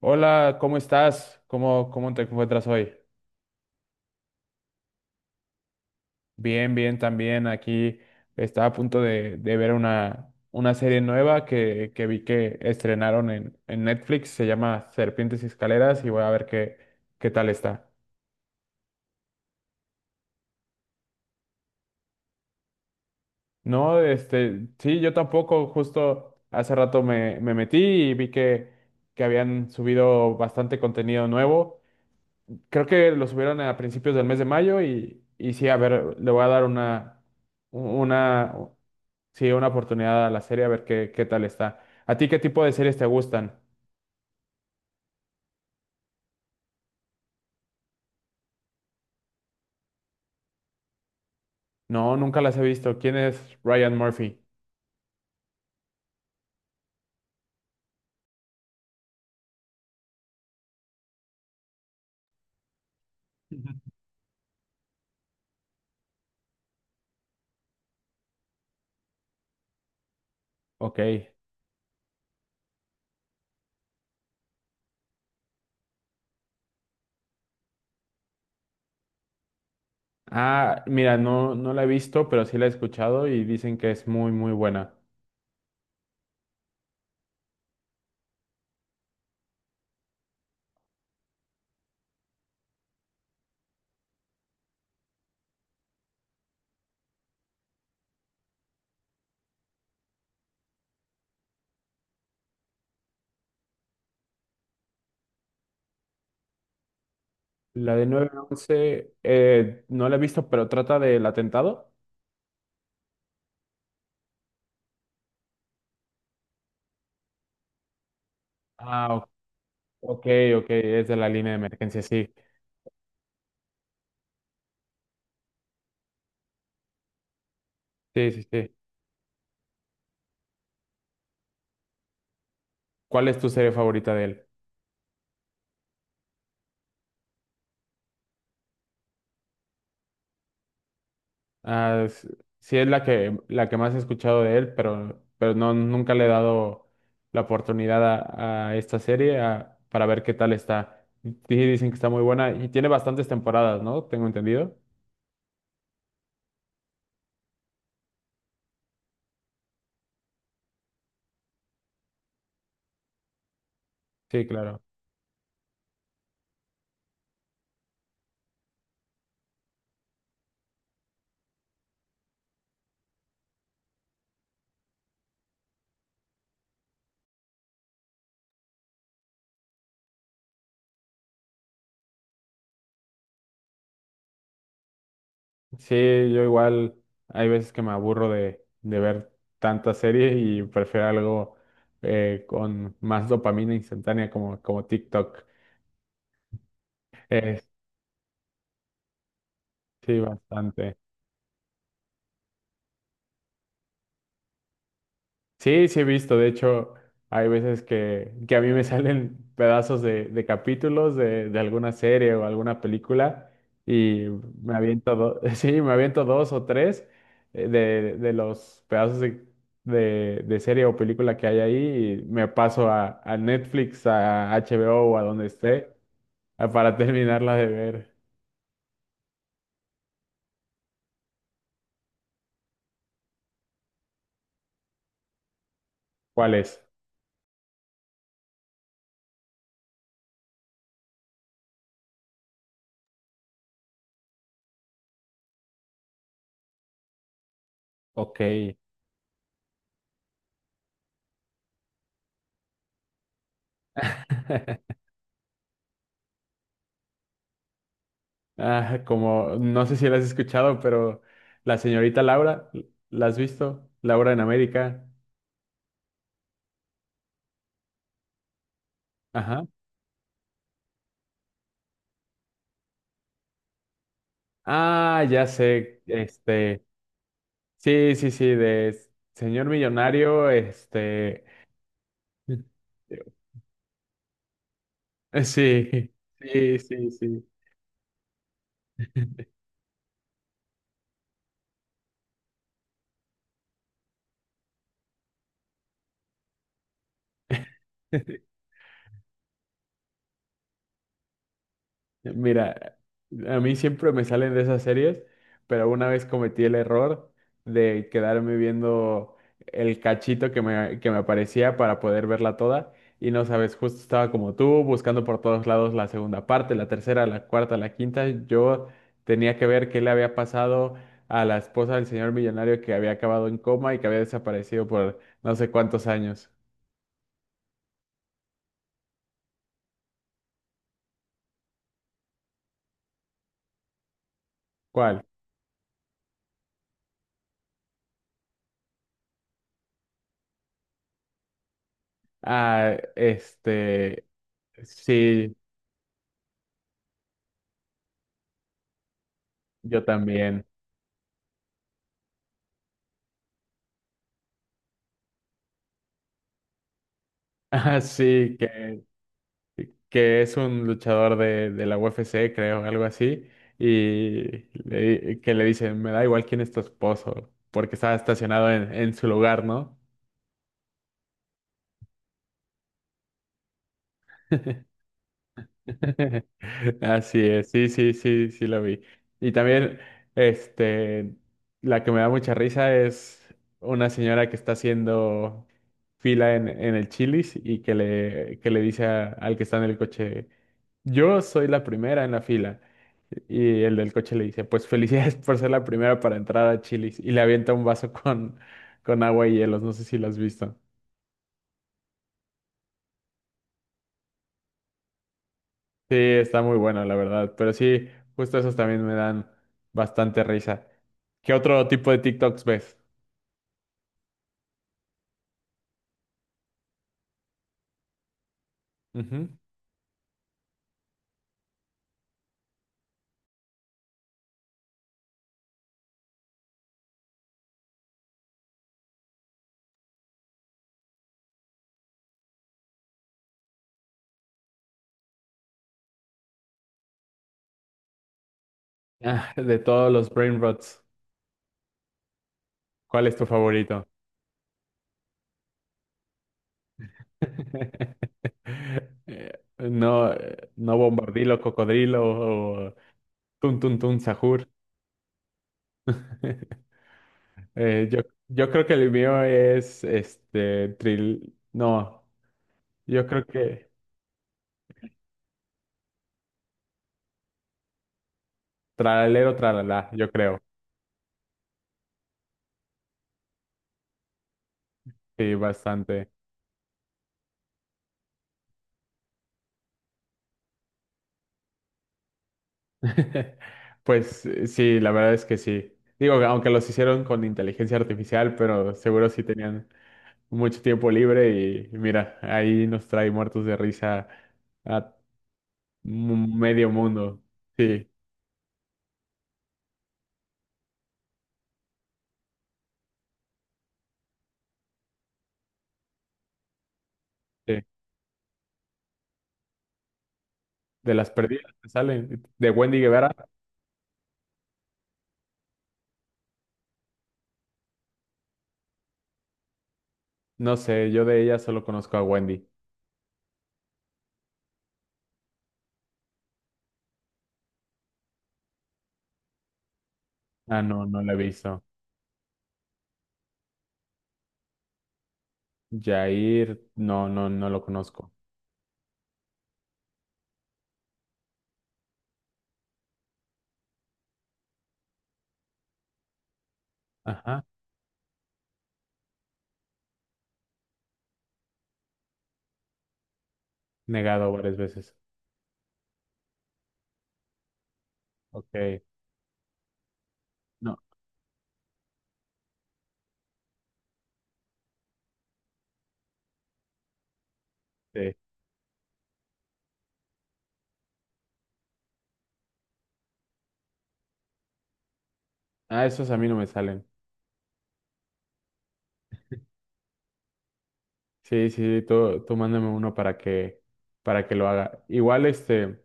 Hola, ¿cómo estás? ¿Cómo te encuentras hoy? Bien, bien, también. Aquí estaba a punto de ver una serie nueva que vi que estrenaron en Netflix. Se llama Serpientes y Escaleras y voy a ver qué tal está. No, este, sí, yo tampoco. Justo hace rato me metí y vi que habían subido bastante contenido nuevo. Creo que lo subieron a principios del mes de mayo y sí, a ver, le voy a dar una, sí, una oportunidad a la serie a ver qué tal está. ¿A ti qué tipo de series te gustan? No, nunca las he visto. ¿Quién es Ryan Murphy? Ok. Ah, mira, no, no la he visto, pero sí la he escuchado y dicen que es muy, muy buena. La de nueve 11 no la he visto, pero trata del atentado. Ah, ok, ok, es de la línea de emergencia, sí. Sí, sí, sí. ¿Cuál es tu serie favorita de él? Ah, sí es la que más he escuchado de él, pero no, nunca le he dado la oportunidad a esta serie para ver qué tal está. Sí dicen que está muy buena y tiene bastantes temporadas, ¿no? Tengo entendido. Sí, claro. Sí, yo igual hay veces que me aburro de ver tanta serie y prefiero algo con más dopamina instantánea como TikTok. Eh, sí, bastante. Sí, sí he visto. De hecho, hay veces que a mí me salen pedazos de capítulos de alguna serie o alguna película y me aviento, sí, me aviento dos o tres de los pedazos de, de serie o película que hay ahí y me paso a Netflix, a HBO o a donde esté para terminarla de ver. ¿Cuál es? Ok. Ah, como, no sé si la has escuchado, pero la señorita Laura, ¿la has visto? Laura en América. Ajá. Ah, ya sé, sí, sí, sí, de señor millonario, sí, sí, sí, sí. Mira, a mí siempre me salen de esas series, pero una vez cometí el error de quedarme viendo el cachito que me aparecía para poder verla toda. Y no sabes, justo estaba como tú, buscando por todos lados la segunda parte, la tercera, la cuarta, la quinta. Yo tenía que ver qué le había pasado a la esposa del señor millonario que había acabado en coma y que había desaparecido por no sé cuántos años. ¿Cuál? Ah, sí, yo también. Ah, sí, que es un luchador de la UFC, creo, algo así, y que le dicen, me da igual quién es tu esposo, porque estaba estacionado en su lugar, ¿no? Así es, sí, sí, sí, sí lo vi. Y también, este, la que me da mucha risa es una señora que está haciendo fila en el Chili's y que le dice al que está en el coche. Yo soy la primera en la fila. Y el del coche le dice, pues felicidades por ser la primera para entrar a Chili's. Y le avienta un vaso con agua y hielos. No sé si lo has visto. Sí, está muy bueno, la verdad. Pero sí, justo esos también me dan bastante risa. ¿Qué otro tipo de TikToks ves? Ujú. Ah, de todos los brain rots, ¿cuál es tu favorito? Eh, No, no bombardilo, cocodrilo o tun tun tun sahur. Eh, yo, yo creo que el mío es este tril. No, yo creo que tralalero, tralala, yo creo. Sí, bastante. Pues sí, la verdad es que sí. Digo, aunque los hicieron con inteligencia artificial, pero seguro sí tenían mucho tiempo libre y mira, ahí nos trae muertos de risa a medio mundo. Sí, sí. De las perdidas que salen. De Wendy Guevara, no sé, yo de ella solo conozco a Wendy. Ah, no, no la he visto. Jair, no, no, no lo conozco. Ajá, negado varias veces. Ok, no, sí. Ah, esos a mí no me salen. Sí, sí, sí, tú mándame uno para que lo haga. Igual,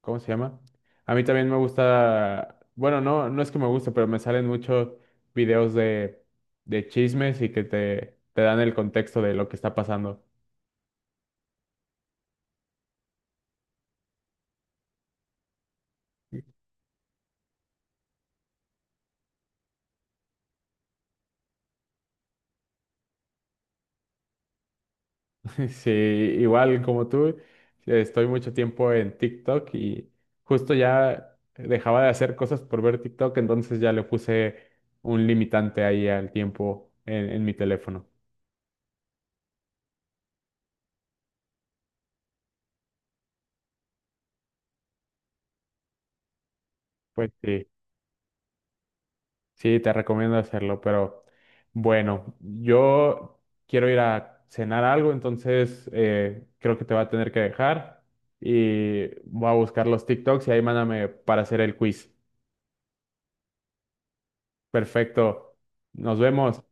¿cómo se llama? A mí también me gusta, bueno, no, no es que me guste, pero me salen muchos videos de chismes y que te dan el contexto de lo que está pasando. Sí, igual como tú, estoy mucho tiempo en TikTok y justo ya dejaba de hacer cosas por ver TikTok, entonces ya le puse un limitante ahí al tiempo en mi teléfono. Pues sí, sí, te recomiendo hacerlo, pero bueno, yo quiero ir a cenar algo, entonces creo que te va a tener que dejar y voy a buscar los TikToks y ahí mándame para hacer el quiz. Perfecto, nos vemos.